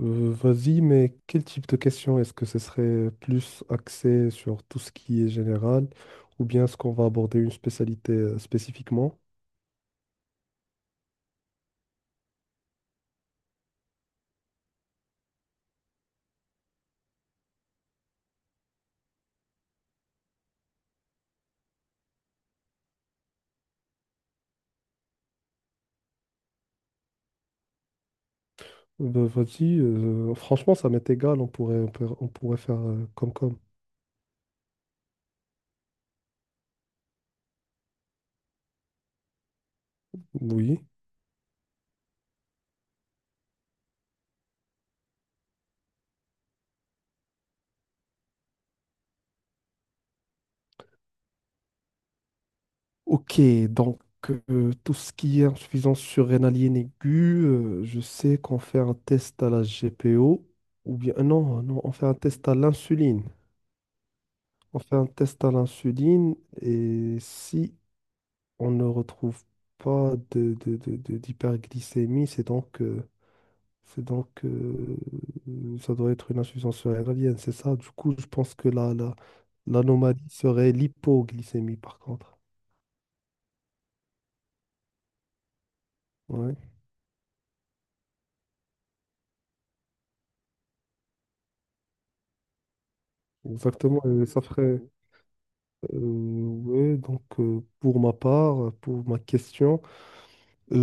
Vas-y, mais quel type de question? Est-ce que ce serait plus axé sur tout ce qui est général ou bien est-ce qu'on va aborder une spécialité spécifiquement? Vas-y, franchement, ça m'est égal, on pourrait, on pourrait, on pourrait faire comme comme. Oui. Ok, donc tout ce qui est insuffisance surrénalienne aiguë, je sais qu'on fait un test à la GPO, ou bien non, non, on fait un test à l'insuline. On fait un test à l'insuline et si on ne retrouve pas d'hyperglycémie, c'est donc ça doit être une insuffisance cérébralienne, c'est ça. Du coup, je pense que l'anomalie serait l'hypoglycémie, par contre. Ouais, exactement. Ça ferait. Ouais, donc, Pour ma part, pour ma question,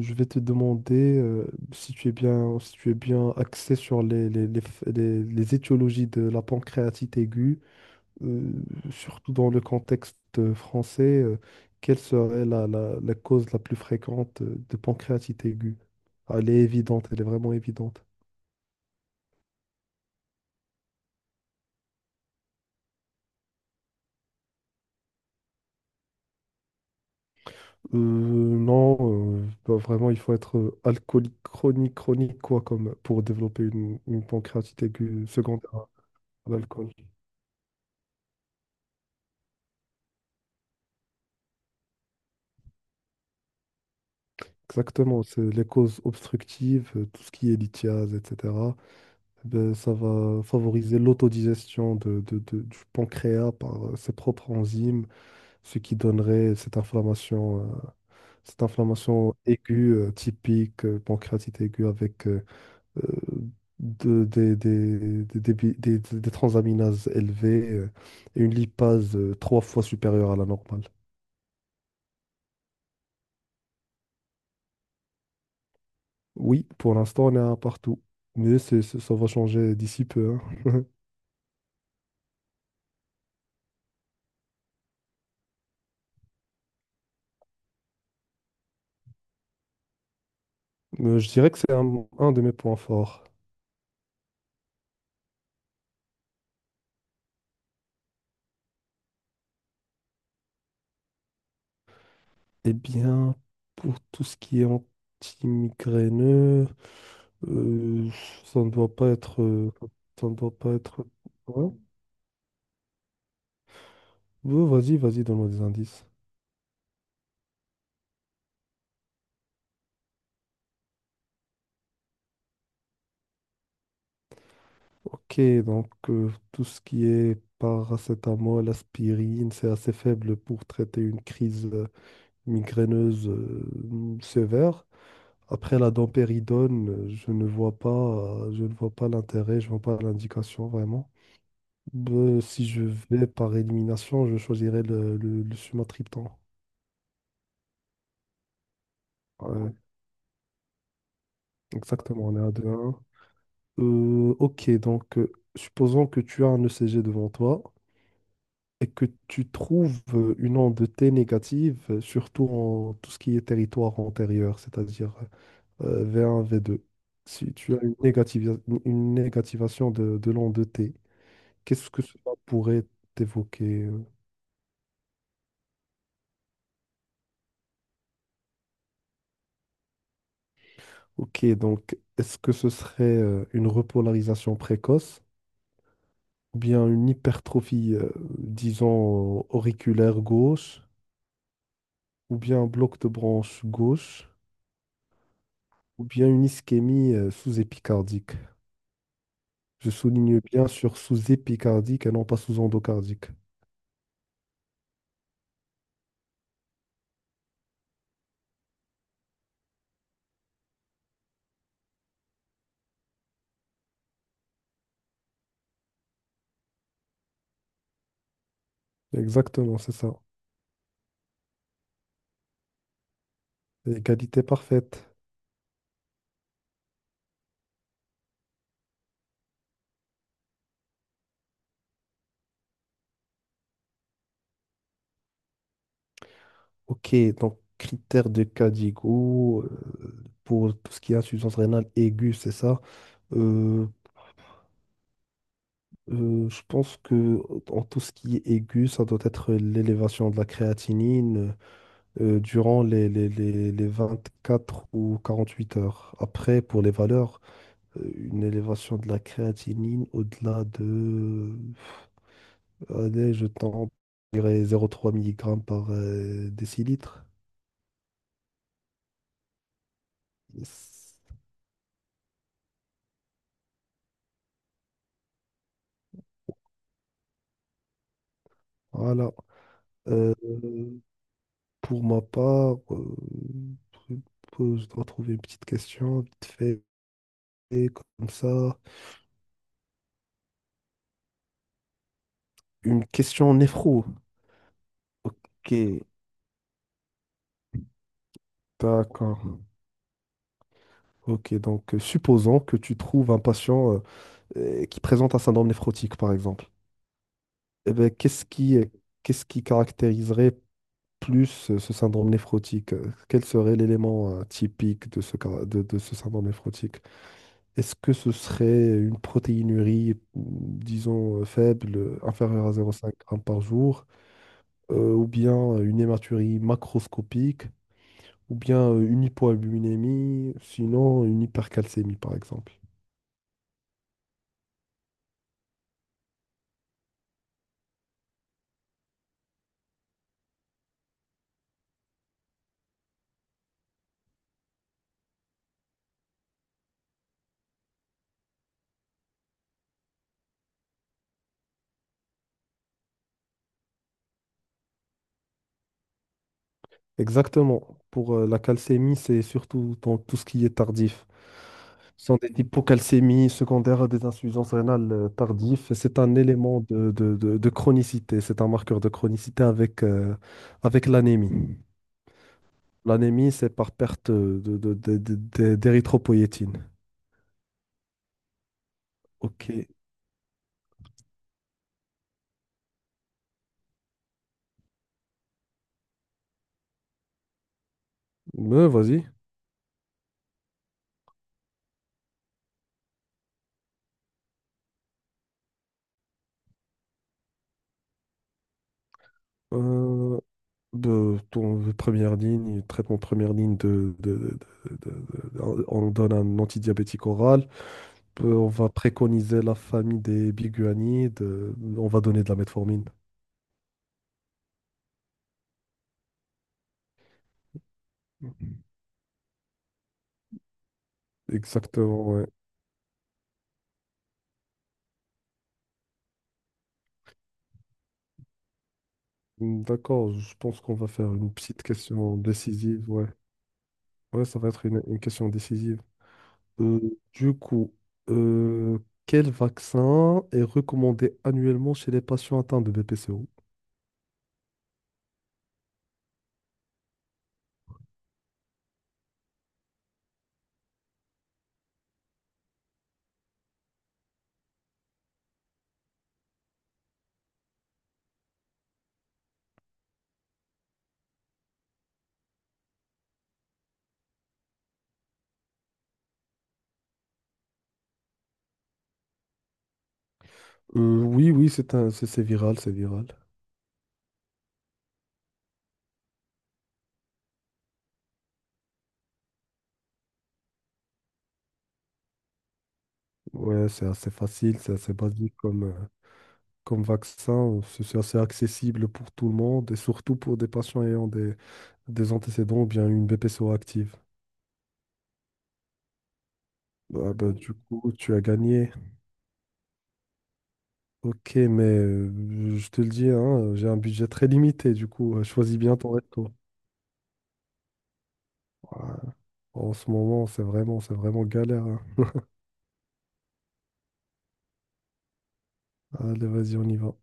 je vais te demander si tu es bien, si tu es bien axé sur les étiologies de la pancréatite aiguë. euh, Surtout dans le contexte français, quelle serait la cause la plus fréquente de pancréatite aiguë? Ah, elle est évidente, elle est vraiment évidente. Non, vraiment, il faut être alcoolique chronique, chronique, quoi, comme pour développer une pancréatite aiguë secondaire à l'alcool. Exactement, c'est les causes obstructives, tout ce qui est lithiase, etc. Ben, ça va favoriser l'autodigestion du pancréas par ses propres enzymes. Ce qui donnerait cette inflammation aiguë, typique, pancréatite aiguë avec euh, de- des, débi- des transaminases élevées et une lipase trois fois supérieure à la normale. Oui, pour l'instant, on est à un partout, mais ça va changer d'ici peu, hein. Je dirais que c'est un de mes points forts. Eh bien, pour tout ce qui est anti-migraineux, Euh, ça ne doit pas être. Ça ne doit pas être. Ouais. Ouais, vas-y, vas-y, donne-moi des indices. Ok, donc tout ce qui est paracétamol, aspirine, c'est assez faible pour traiter une crise migraineuse sévère. Après la dompéridone, je ne vois pas, je ne vois pas l'intérêt, je ne vois pas l'indication vraiment. Ben, si je vais par élimination, je choisirais le sumatriptan. Ouais, exactement, on est à 2. Ok, donc supposons que tu as un ECG devant toi et que tu trouves une onde T négative, surtout en tout ce qui est territoire antérieur, c'est-à-dire V1, V2. Si tu as une une négativation de l'onde T, qu'est-ce que cela pourrait t'évoquer? Ok, donc est-ce que ce serait une repolarisation précoce ou bien une hypertrophie, disons, auriculaire gauche ou bien un bloc de branche gauche? Ou bien une ischémie sous-épicardique. Je souligne bien sur sous-épicardique et non pas sous-endocardique. Exactement, c'est ça. Égalité parfaite. Ok, donc critère de Cadigo pour tout ce qui est insuffisance rénale aiguë, c'est ça. Euh, je pense que en tout ce qui est aigu, ça doit être l'élévation de la créatinine durant les 24 ou 48 heures. Après, pour les valeurs, une élévation de la créatinine au-delà de, allez, je tente, je dirais 0,3 mg par décilitre. Yes. Voilà. Euh, pour ma part, je je dois trouver une petite question vite fait, comme ça. Une question néphro. Ok, d'accord. Ok, donc supposons que tu trouves un patient qui présente un syndrome néphrotique, par exemple. Eh ben, qu'est-ce qui caractériserait plus ce syndrome néphrotique, quel serait l'élément typique de de ce syndrome néphrotique? Est-ce que ce serait une protéinurie, disons, faible, inférieure à 0,5 g par jour, ou bien une hématurie macroscopique, ou bien une hypoalbuminémie, sinon une hypercalcémie, par exemple? Exactement. Pour la calcémie, c'est surtout dans tout ce qui est tardif. Sont des hypocalcémies secondaires à des insuffisances rénales tardives. Et c'est un élément de chronicité, c'est un marqueur de chronicité avec, avec l'anémie. L'anémie, c'est par perte d'érythropoïétine. Ok. Mais vas-y. Euh, de ton première ligne, traitement de première ligne de- on donne un antidiabétique oral. On va préconiser la famille des biguanides. On va donner de la metformine. Exactement, ouais. D'accord, je pense qu'on va faire une petite question décisive, ouais. Ouais, ça va être une question décisive. Euh, du coup, euh, quel vaccin est recommandé annuellement chez les patients atteints de BPCO? Oui, oui, c'est viral, c'est viral. Ouais, c'est assez facile, c'est assez basique comme, comme vaccin. C'est assez accessible pour tout le monde et surtout pour des patients ayant des antécédents ou bien une BPCO active. Bah, bah, du coup, tu as gagné. Ok, mais je te le dis, hein, j'ai un budget très limité, du coup, choisis bien ton resto. Ouais, en ce moment, c'est vraiment galère, hein. Allez, vas-y, on y va.